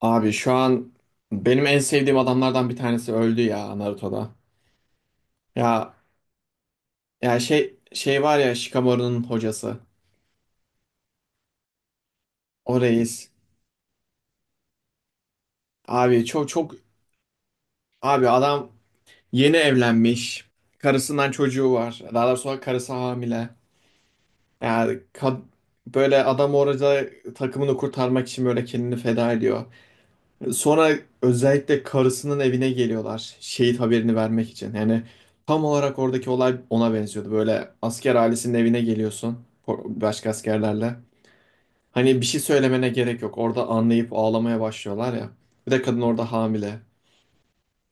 Abi şu an benim en sevdiğim adamlardan bir tanesi öldü ya Naruto'da. Ya ya, şey var ya, Shikamaru'nun hocası. O reis. Abi, çok çok. Abi, adam yeni evlenmiş. Karısından çocuğu var. Daha doğrusu karısı hamile. Yani kad- Böyle adam orada takımını kurtarmak için böyle kendini feda ediyor. Sonra özellikle karısının evine geliyorlar şehit haberini vermek için. Yani tam olarak oradaki olay ona benziyordu. Böyle asker ailesinin evine geliyorsun başka askerlerle. Hani bir şey söylemene gerek yok. Orada anlayıp ağlamaya başlıyorlar ya. Bir de kadın orada hamile.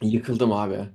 Yıkıldım abi.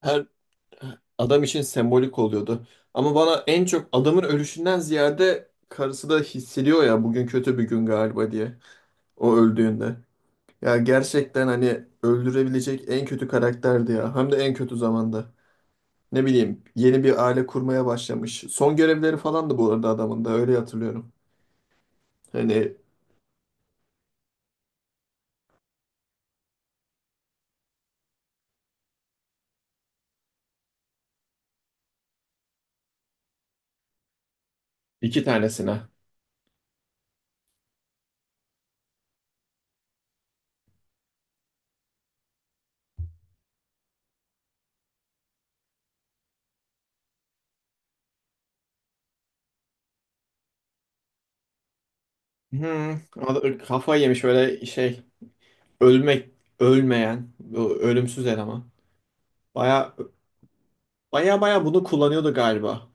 Her adam için sembolik oluyordu. Ama bana en çok adamın ölüşünden ziyade karısı da hissediyor ya bugün kötü bir gün galiba diye. O öldüğünde. Ya gerçekten hani öldürebilecek en kötü karakterdi ya. Hem de en kötü zamanda. Ne bileyim yeni bir aile kurmaya başlamış. Son görevleri falan da bu arada adamın da öyle hatırlıyorum. Hani iki tanesine. Hmm, kafa yemiş böyle şey, ölmek ölmeyen bu ölümsüz eleman. Baya baya baya bunu kullanıyordu galiba.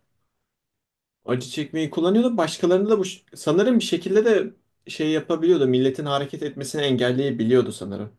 Acı çekmeyi kullanıyordu. Başkalarını da bu sanırım bir şekilde de şey yapabiliyordu. Milletin hareket etmesini engelleyebiliyordu sanırım.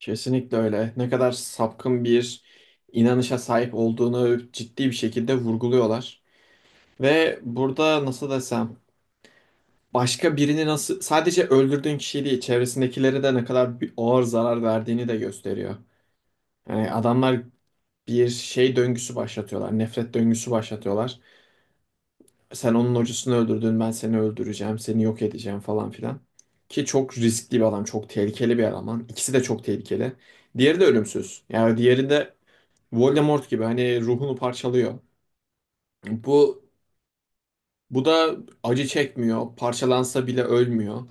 Kesinlikle öyle. Ne kadar sapkın bir inanışa sahip olduğunu ciddi bir şekilde vurguluyorlar. Ve burada nasıl desem, başka birini, nasıl sadece öldürdüğün kişi değil çevresindekilere de ne kadar bir ağır zarar verdiğini de gösteriyor. Yani adamlar bir şey döngüsü başlatıyorlar. Nefret döngüsü başlatıyorlar. Sen onun hocasını öldürdün, ben seni öldüreceğim, seni yok edeceğim falan filan. Ki çok riskli bir adam, çok tehlikeli bir eleman. İkisi de çok tehlikeli. Diğeri de ölümsüz. Yani diğeri de Voldemort gibi hani ruhunu parçalıyor. Bu bu da acı çekmiyor. Parçalansa bile ölmüyor.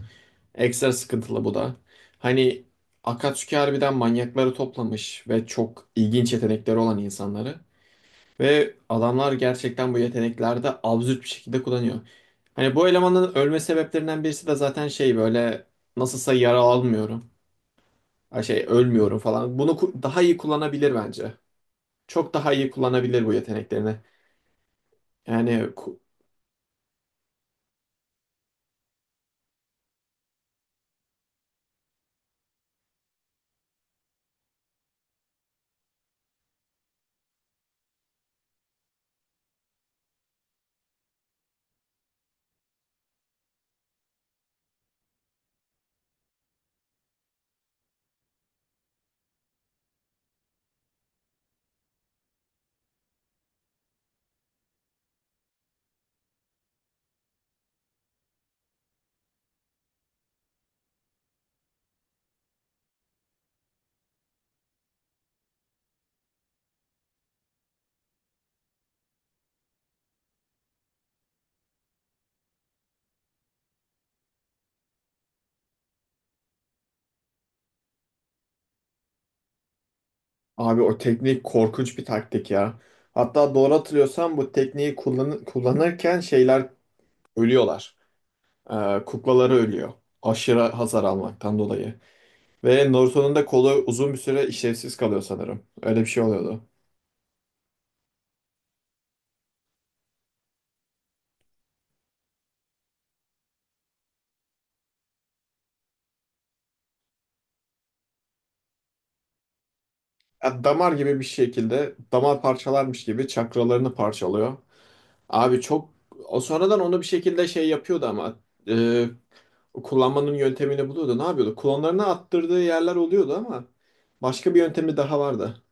Ekstra sıkıntılı bu da. Hani Akatsuki harbiden manyakları toplamış ve çok ilginç yetenekleri olan insanları. Ve adamlar gerçekten bu yetenekleri de absürt bir şekilde kullanıyor. Hani bu elemanın ölme sebeplerinden birisi de zaten şey, böyle nasılsa yara almıyorum. Ha, şey ölmüyorum falan. Daha iyi kullanabilir bence. Çok daha iyi kullanabilir bu yeteneklerini. Yani ku- Abi, o teknik korkunç bir taktik ya. Hatta doğru hatırlıyorsam bu tekniği kullanırken şeyler ölüyorlar. Kuklaları ölüyor. Aşırı hasar almaktan dolayı. Ve Naruto'nun da kolu uzun bir süre işlevsiz kalıyor sanırım. Öyle bir şey oluyordu. Ya damar gibi, bir şekilde damar parçalarmış gibi çakralarını parçalıyor. Abi çok, o sonradan onu bir şekilde şey yapıyordu ama e, kullanmanın yöntemini buluyordu. Ne yapıyordu? Klonlarını attırdığı yerler oluyordu ama başka bir yöntemi daha vardı.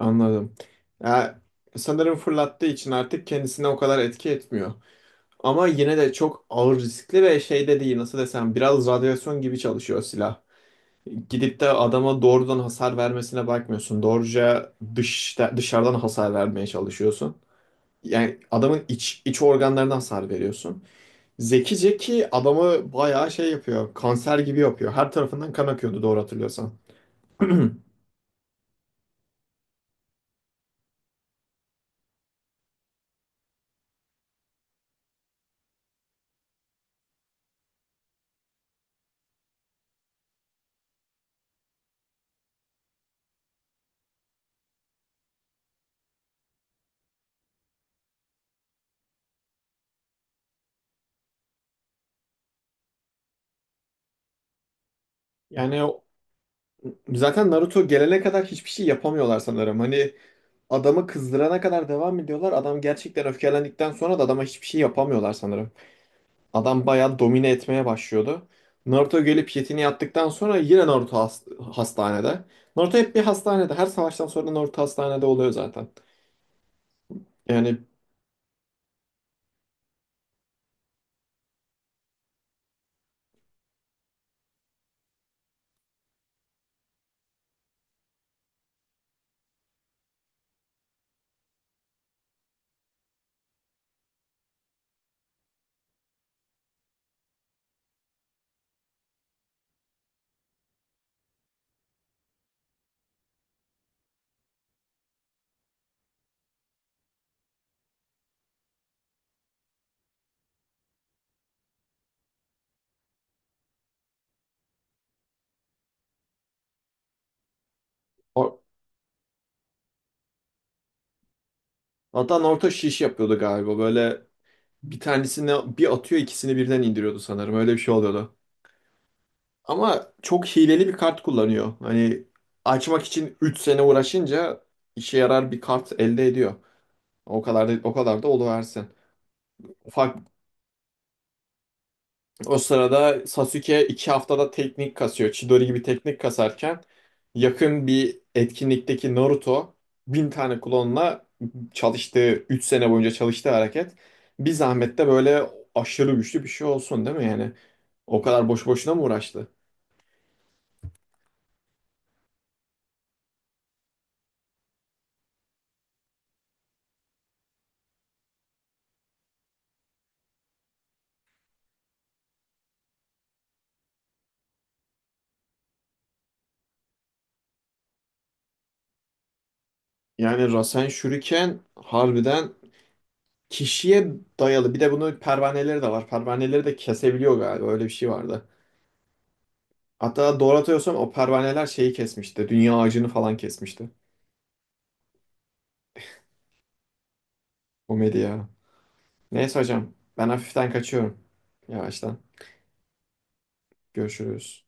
Anladım. Ya, sanırım fırlattığı için artık kendisine o kadar etki etmiyor. Ama yine de çok ağır riskli ve şey de değil, nasıl desem, biraz radyasyon gibi çalışıyor silah. Gidip de adama doğrudan hasar vermesine bakmıyorsun. Doğruca dışarıdan hasar vermeye çalışıyorsun. Yani adamın iç organlarına hasar veriyorsun. Zekice ki adamı bayağı şey yapıyor. Kanser gibi yapıyor. Her tarafından kan akıyordu doğru hatırlıyorsan. Yani o- Zaten Naruto gelene kadar hiçbir şey yapamıyorlar sanırım. Hani adamı kızdırana kadar devam ediyorlar. Adam gerçekten öfkelendikten sonra da adama hiçbir şey yapamıyorlar sanırım. Adam bayağı domine etmeye başlıyordu. Naruto gelip yetini yaptıktan sonra yine Naruto hastanede. Naruto hep bir hastanede. Her savaştan sonra Naruto hastanede oluyor zaten. Yani Adnan orta şiş yapıyordu galiba. Böyle bir tanesini bir atıyor, ikisini birden indiriyordu sanırım. Öyle bir şey oluyordu. Ama çok hileli bir kart kullanıyor. Hani açmak için 3 sene uğraşınca işe yarar bir kart elde ediyor. O kadar da, o kadar da oluversin. O sırada Sasuke 2 haftada teknik kasıyor. Chidori gibi teknik kasarken, yakın bir etkinlikteki Naruto 1000 tane klonla çalıştığı, 3 sene boyunca çalıştığı hareket bir zahmette böyle aşırı güçlü bir şey olsun değil mi yani? O kadar boşuna mı uğraştı? Yani Rasen Shuriken harbiden kişiye dayalı. Bir de bunun pervaneleri de var. Pervaneleri de kesebiliyor galiba. Öyle bir şey vardı. Hatta doğru hatırlıyorsam o pervaneler şeyi kesmişti. Dünya ağacını falan kesmişti. O medya. Neyse hocam, ben hafiften kaçıyorum. Yavaştan. Görüşürüz.